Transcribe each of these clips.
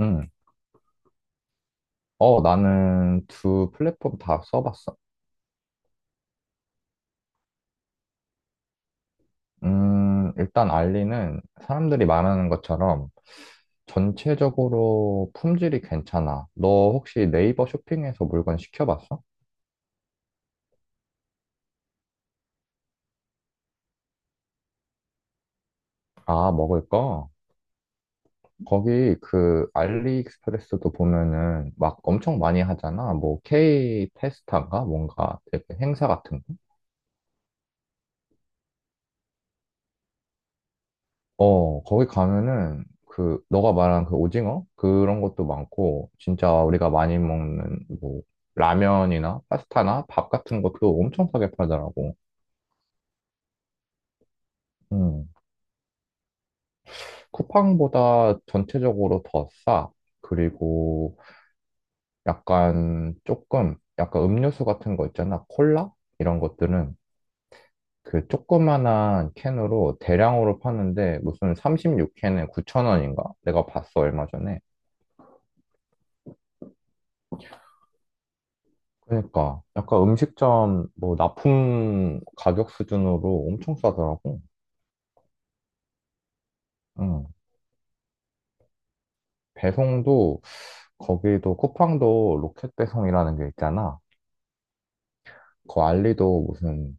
음. 나는 두 플랫폼 다 써봤어. 일단 알리는 사람들이 말하는 것처럼 전체적으로 품질이 괜찮아. 너 혹시 네이버 쇼핑에서 물건 시켜봤어? 아, 먹을 거? 거기 그 알리익스프레스도 보면은 막 엄청 많이 하잖아. 뭐 K 테스타인가 뭔가 되게 행사 같은 거. 거기 가면은 그 너가 말한 그 오징어 그런 것도 많고 진짜 우리가 많이 먹는 뭐 라면이나 파스타나 밥 같은 것도 엄청 싸게 팔더라고. 음. 쿠팡보다 전체적으로 더 싸. 그리고 약간 조금 약간 음료수 같은 거 있잖아. 콜라 이런 것들은 그 조그만한 캔으로 대량으로 파는데 무슨 36캔에 9,000원인가? 내가 봤어 얼마 전에. 그러니까 약간 음식점 뭐 납품 가격 수준으로 엄청 싸더라고. 응. 배송도 거기도 쿠팡도 로켓 배송이라는 게 있잖아. 그 알리도 무슨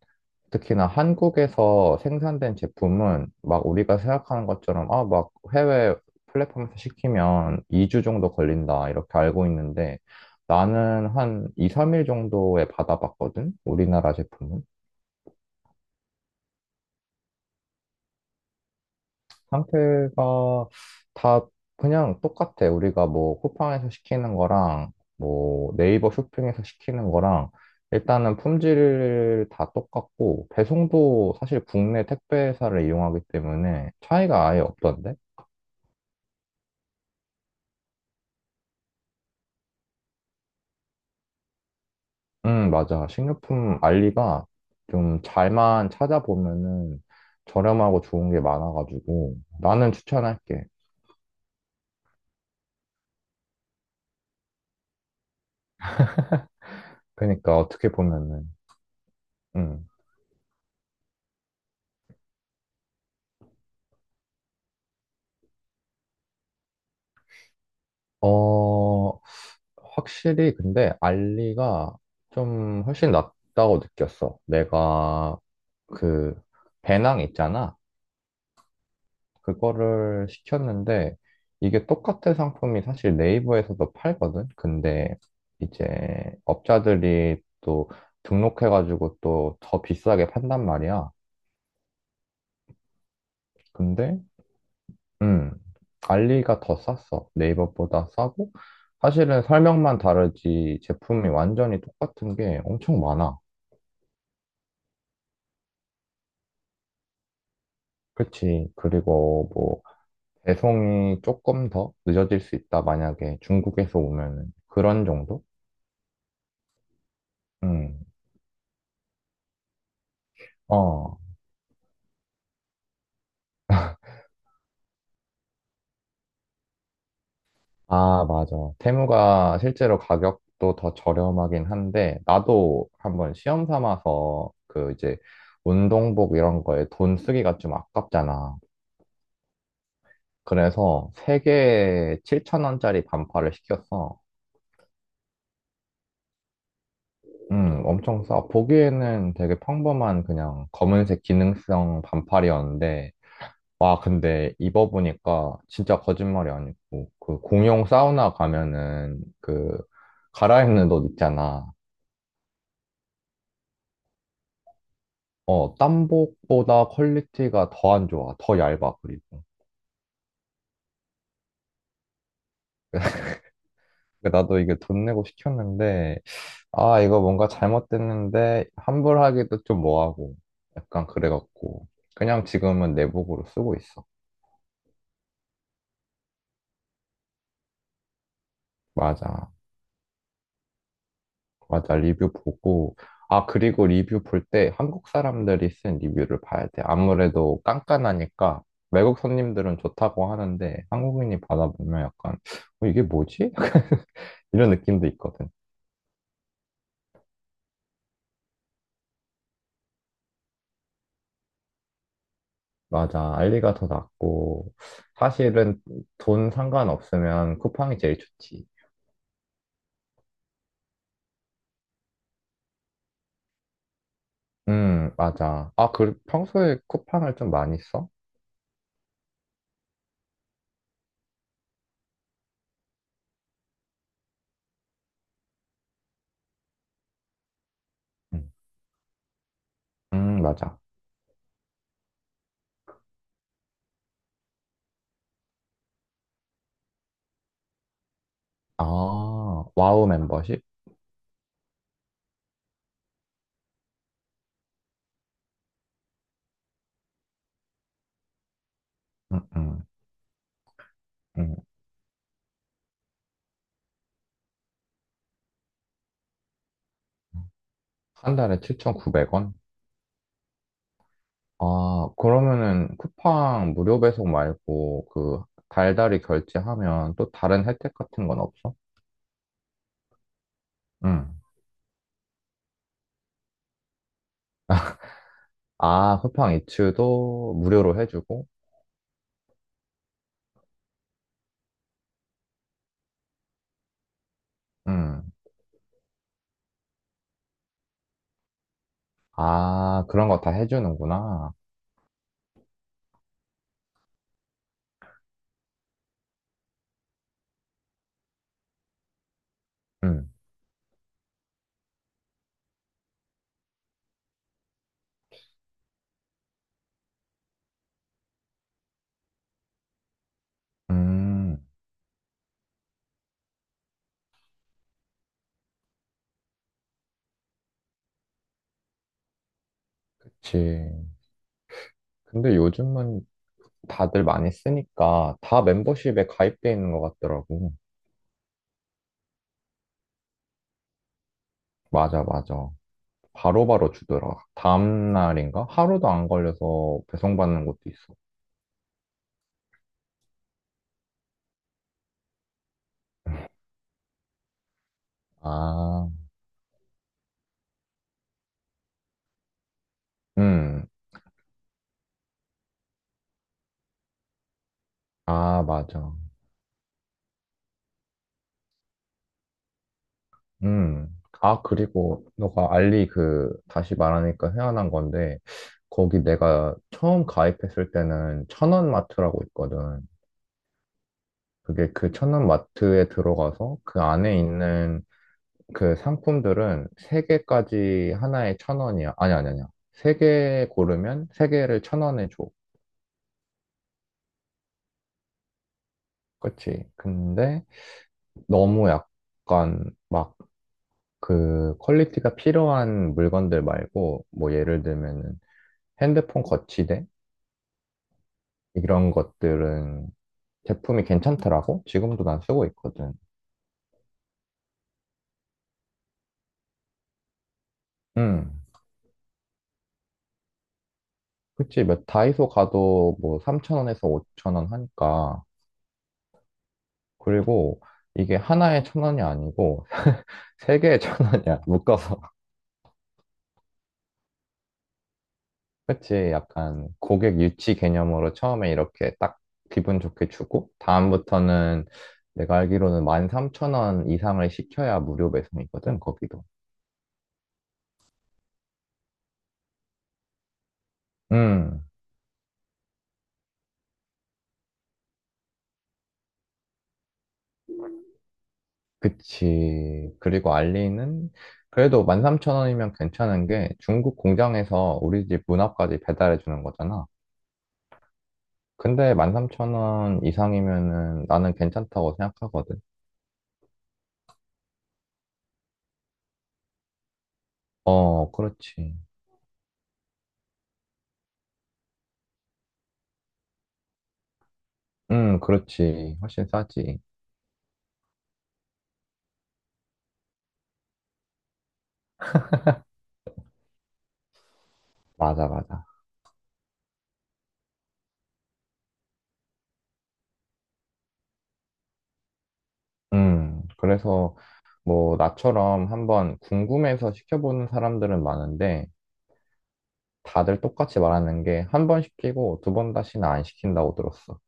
특히나 한국에서 생산된 제품은 막 우리가 생각하는 것처럼 아 막 해외 플랫폼에서 시키면 2주 정도 걸린다 이렇게 알고 있는데 나는 한 2, 3일 정도에 받아봤거든. 우리나라 제품은. 상태가 다 그냥 똑같아. 우리가 뭐 쿠팡에서 시키는 거랑 뭐 네이버 쇼핑에서 시키는 거랑 일단은 품질 다 똑같고 배송도 사실 국내 택배 회사를 이용하기 때문에 차이가 아예 없던데? 맞아. 식료품 알리가 좀 잘만 찾아보면은 저렴하고 좋은 게 많아가지고 나는 추천할게. 그러니까 어떻게 보면은 음. 어, 확실히 근데 알리가 좀 훨씬 낫다고 느꼈어. 내가 그 배낭 있잖아. 그거를 시켰는데 이게 똑같은 상품이 사실 네이버에서도 팔거든. 근데 이제 업자들이 또 등록해가지고 또 더 비싸게 판단 말이야. 근데 음 알리가 더 쌌어. 네이버보다 싸고 사실은 설명만 다르지 제품이 완전히 똑같은 게 엄청 많아. 그치. 그리고 뭐, 배송이 조금 더 늦어질 수 있다. 만약에 중국에서 오면은. 그런 정도? 응. 어. 아, 맞아. 테무가 실제로 가격도 더 저렴하긴 한데, 나도 한번 시험 삼아서 그 이제 운동복 이런 거에 돈 쓰기가 좀 아깝잖아. 그래서 세개에 7천원짜리 반팔을 시켰어. 엄청 싸. 보기에는 되게 평범한 그냥 검은색 기능성 반팔이었는데, 와, 근데 입어보니까 진짜 거짓말이 아니고, 그 공용 사우나 가면은 그 갈아입는 옷 있잖아. 땀복보다 퀄리티가 더 안 좋아. 더 얇아, 그리고. 그러니까 나도 이게 돈 내고 시켰는데, 아, 이거 뭔가 잘못됐는데, 환불하기도 좀 뭐하고, 약간 그래갖고, 그냥 지금은 내복으로 쓰고 있어. 맞아. 맞아, 리뷰 보고. 아, 그리고 리뷰 볼 때 한국 사람들이 쓴 리뷰를 봐야 돼. 아무래도 깐깐하니까 외국 손님들은 좋다고 하는데 한국인이 받아보면 약간, 어, 이게 뭐지? 이런 느낌도 있거든. 맞아, 알리가 더 낫고. 사실은 돈 상관없으면 쿠팡이 제일 좋지. 맞아. 아, 그 평소에 쿠팡을 좀 많이 써? 음, 맞아. 아, 와우 멤버십? 음, 음, 음. 한 달에 7,900원? 아, 그러면은 쿠팡 무료 배송 말고 그 달달이 결제하면 또 다른 혜택 같은 건 없어? 응. 아, 쿠팡 이츠도 무료로 해주고? 응. 아, 그런 거 다 해주는구나. 응. 음, 그치. 근데 요즘은 다들 많이 쓰니까 다 멤버십에 가입돼 있는 것 같더라고. 맞아, 맞아. 바로바로 주더라. 다음 날인가? 하루도 안 걸려서 배송받는 것도 있어. 아, 음. 아, 맞아. 음. 아, 그리고 너가 알리 그 다시 말하니까 생각난 건데 거기 내가 처음 가입했을 때는 천원마트라고 있거든. 그게 그 천원마트에 들어가서 그 안에 있는 그 상품들은 세개까지 하나에 1,000원이야. 아니, 아니, 아니야. 세 개 고르면 세개를천원에 줘. 그치? 근데 너무 약간 막 그 퀄리티가 필요한 물건들 말고 뭐 예를 들면은 핸드폰 거치대 이런 것들은 제품이 괜찮더라고. 지금도 난 쓰고 있거든. 음. 그치. 몇 다이소 가도 뭐 3,000원에서 5,000원 하니까. 그리고 이게 하나에 천 원이 아니고 세 개에 천 원이야 묶어서. 그치. 약간 고객 유치 개념으로 처음에 이렇게 딱 기분 좋게 주고 다음부터는 내가 알기로는 13,000원 이상을 시켜야 무료 배송이거든, 거기도. 음. 그치. 그리고 알리는 그래도 13,000원이면 괜찮은 게 중국 공장에서 우리 집 문 앞까지 배달해 주는 거잖아. 근데 13,000원 이상이면은 나는 괜찮다고 생각하거든. 어, 그렇지. 그렇지. 훨씬 싸지. 맞아, 맞아. 그래서 뭐 나처럼 한번 궁금해서 시켜보는 사람들은 많은데 다들 똑같이 말하는 게 한 번 시키고 두 번 다시는 안 시킨다고 들었어.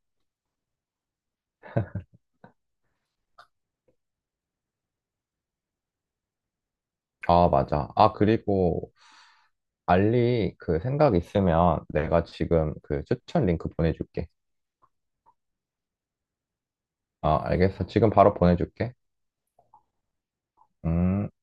아, 맞아. 아, 그리고 알리 그 생각 있으면 내가 지금 그 추천 링크 보내줄게. 아, 알겠어. 지금 바로 보내줄게. 음.